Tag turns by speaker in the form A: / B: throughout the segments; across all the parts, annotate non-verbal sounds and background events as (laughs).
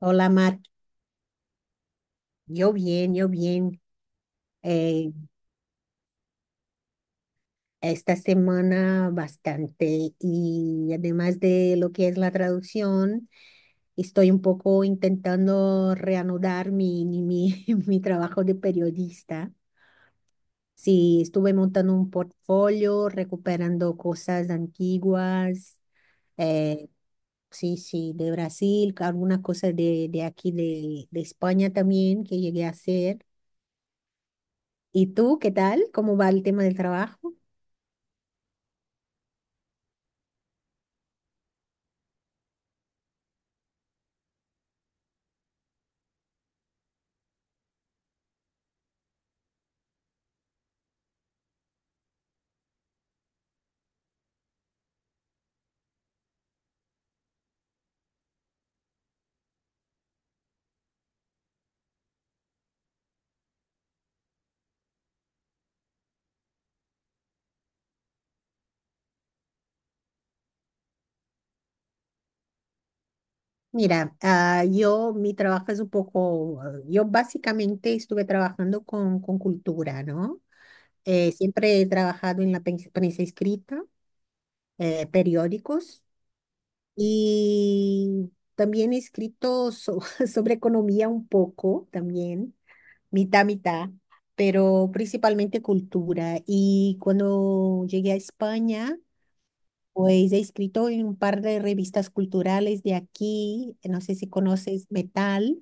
A: Hola, Mar. Yo bien, yo bien. Eh, Esta semana bastante, y además de lo que es la traducción, estoy un poco intentando reanudar mi, mi, mi (laughs) mi trabajo de periodista. Sí, estuve montando un portfolio, recuperando cosas antiguas. eh, sí, sí, de Brasil, algunas cosas de aquí, de España también, que llegué a hacer. ¿Y tú qué tal? ¿Cómo va el tema del trabajo? Mira, yo, mi trabajo es un poco, yo básicamente estuve trabajando con cultura, ¿no? Siempre he trabajado en la prensa escrita, periódicos, y también he escrito (laughs) sobre economía un poco, también, mitad, mitad, pero principalmente cultura. Y cuando llegué a España... Pues he escrito en un par de revistas culturales de aquí, no sé si conoces Metal,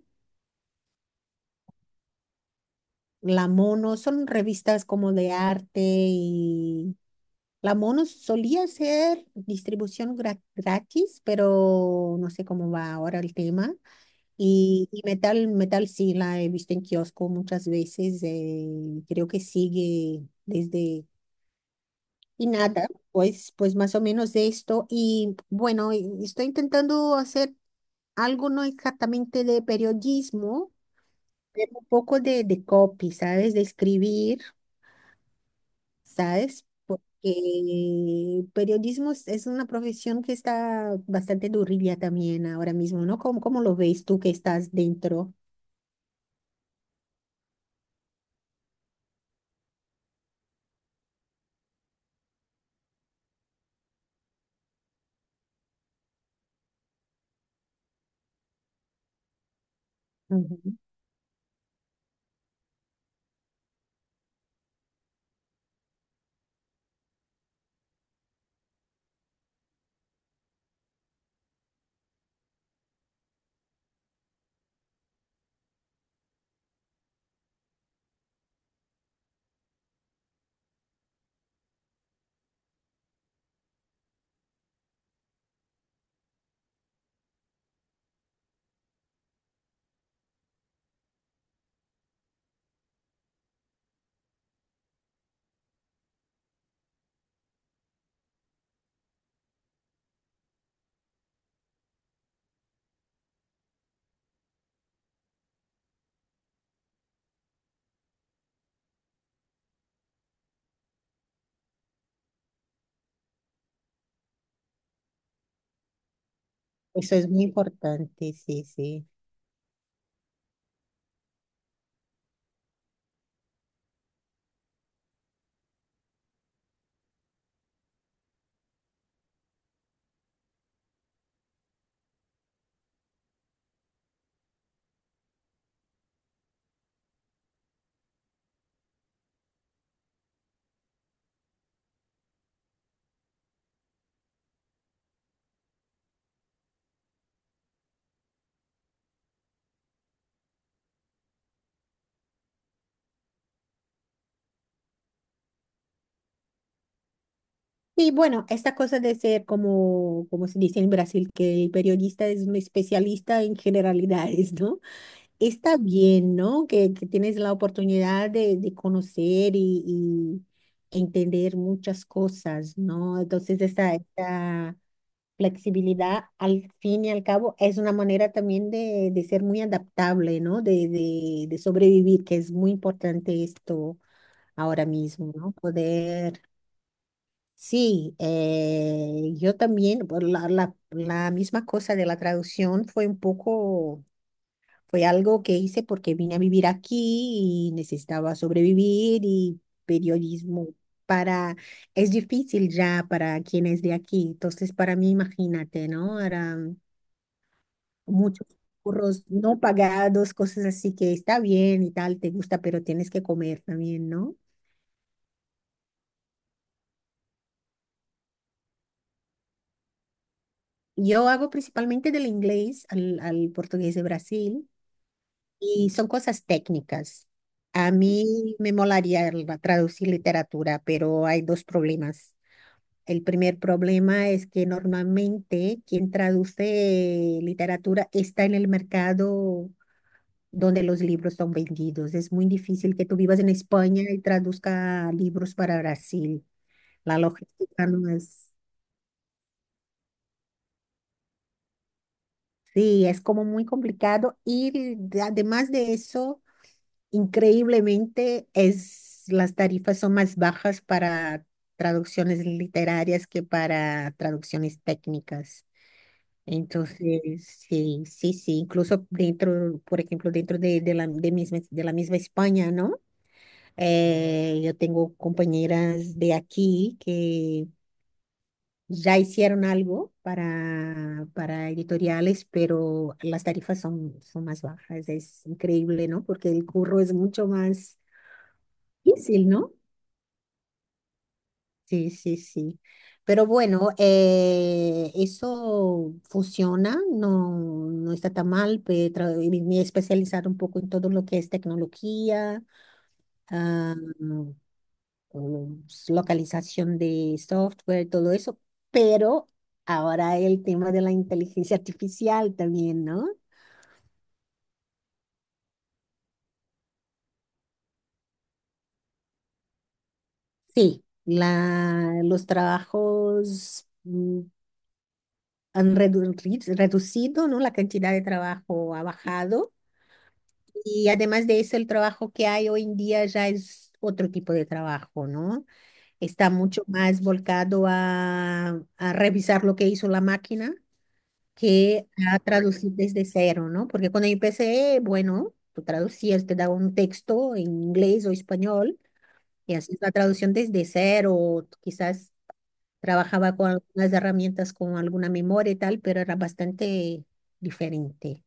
A: La Mono, son revistas como de arte. Y la Mono solía ser distribución gratis, pero no sé cómo va ahora el tema. Y Metal, Metal sí la he visto en kiosco muchas veces, creo que sigue desde... Y nada, pues, pues más o menos de esto. Y bueno, y estoy intentando hacer algo no exactamente de periodismo, pero un poco de copy, ¿sabes? De escribir. ¿Sabes? Porque periodismo es una profesión que está bastante durilla también ahora mismo, ¿no? ¿Cómo, cómo lo ves tú, que estás dentro? Ujú. Eso es muy importante, sí, sí. Y bueno, esta cosa de ser como, como se dice en Brasil, que el periodista es un especialista en generalidades, ¿no? Está bien, ¿no? Que tienes la oportunidad de conocer y entender muchas cosas, ¿no? Entonces, esta flexibilidad, al fin y al cabo, es una manera también de ser muy adaptable, ¿no? De sobrevivir, que es muy importante esto ahora mismo, ¿no? Poder, sí, yo también, por la, la, la misma cosa de la traducción, fue un poco, fue algo que hice porque vine a vivir aquí y necesitaba sobrevivir, y periodismo para... Es difícil ya para quien es de aquí. Entonces, para mí, imagínate, ¿no? Era muchos curros no pagados, cosas así, que está bien y tal, te gusta, pero tienes que comer también, ¿no? Yo hago principalmente del inglés al, al portugués de Brasil, y son cosas técnicas. A mí me molaría traducir literatura, pero hay dos problemas. El primer problema es que normalmente quien traduce literatura está en el mercado donde los libros son vendidos. Es muy difícil que tú vivas en España y traduzca libros para Brasil. La logística no es, sí, es como muy complicado. Y además de eso, increíblemente es, las tarifas son más bajas para traducciones literarias que para traducciones técnicas. Entonces, sí, sí, sí, incluso dentro, por ejemplo, dentro de, de la misma España, ¿no? Yo tengo compañeras de aquí que ya hicieron algo para editoriales, pero las tarifas son, son más bajas. Es increíble, ¿no? Porque el curro es mucho más difícil, ¿no? Sí, sí, sí. Pero bueno, eso funciona, no, no está tan mal. Me he especializado un poco en todo lo que es tecnología, ah, o localización de software, todo eso, pero ahora el tema de la inteligencia (laughs) artificial también, ¿no? Sí, la, los trabajos reducido, ¿no? La cantidad de trabajo ha bajado, y además de eso, el trabajo que hay hoy en día ya es otro tipo de trabajo, ¿no? Está mucho más volcado a revisar lo que hizo la máquina, que a traducir desde cero, ¿no? Porque cuando yo empecé, bueno, tú traducías, te daba un texto en inglés o español, y hacías la traducción desde cero, o quizás trabajaba con algunas herramientas, con alguna memoria y tal, pero era bastante diferente.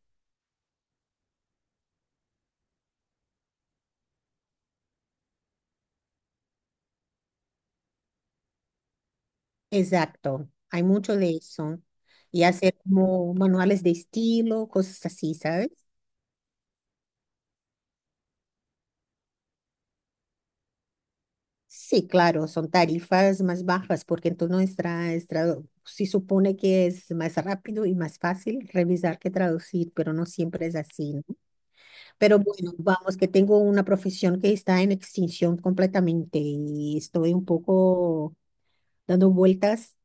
A: Exacto, hay mucho de eso. Y hacer como manuales de estilo, cosas así, ¿sabes? Sí, claro, son tarifas más bajas porque entonces sí, supone que es más rápido y más fácil revisar que traducir, pero no siempre es así, ¿no? Pero bueno, vamos, que tengo una profesión que está en extinción completamente, y estoy un poco dando vueltas,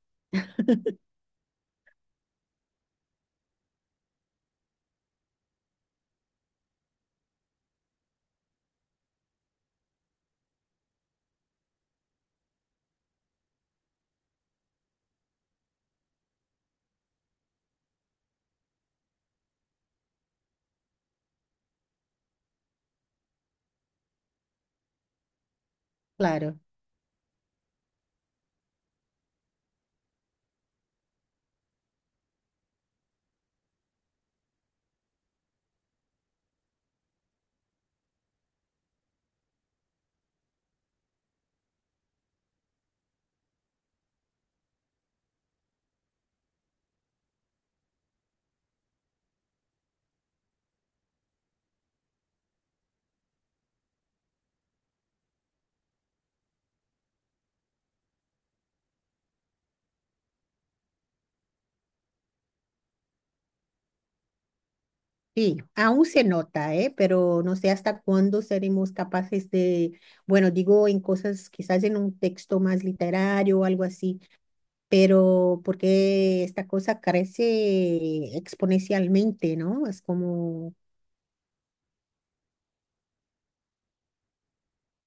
A: claro. Sí, aún se nota, ¿eh? Pero no sé hasta cuándo seremos capaces de, bueno, digo en cosas, quizás en un texto más literario o algo así, pero porque esta cosa crece exponencialmente, ¿no? Es como,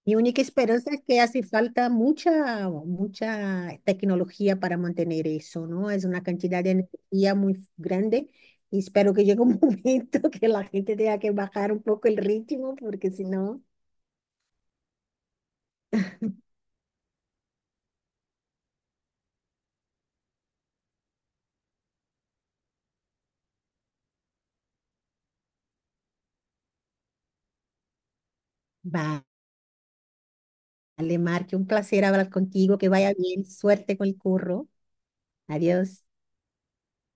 A: mi única esperanza es que hace falta mucha, mucha tecnología para mantener eso, ¿no? Es una cantidad de energía muy grande, y espero que llegue un (laughs) momento que la gente tenga que bajar un poco el ritmo, porque si no, vale, Marque, un placer hablar contigo, que vaya bien, suerte con el curro, adiós.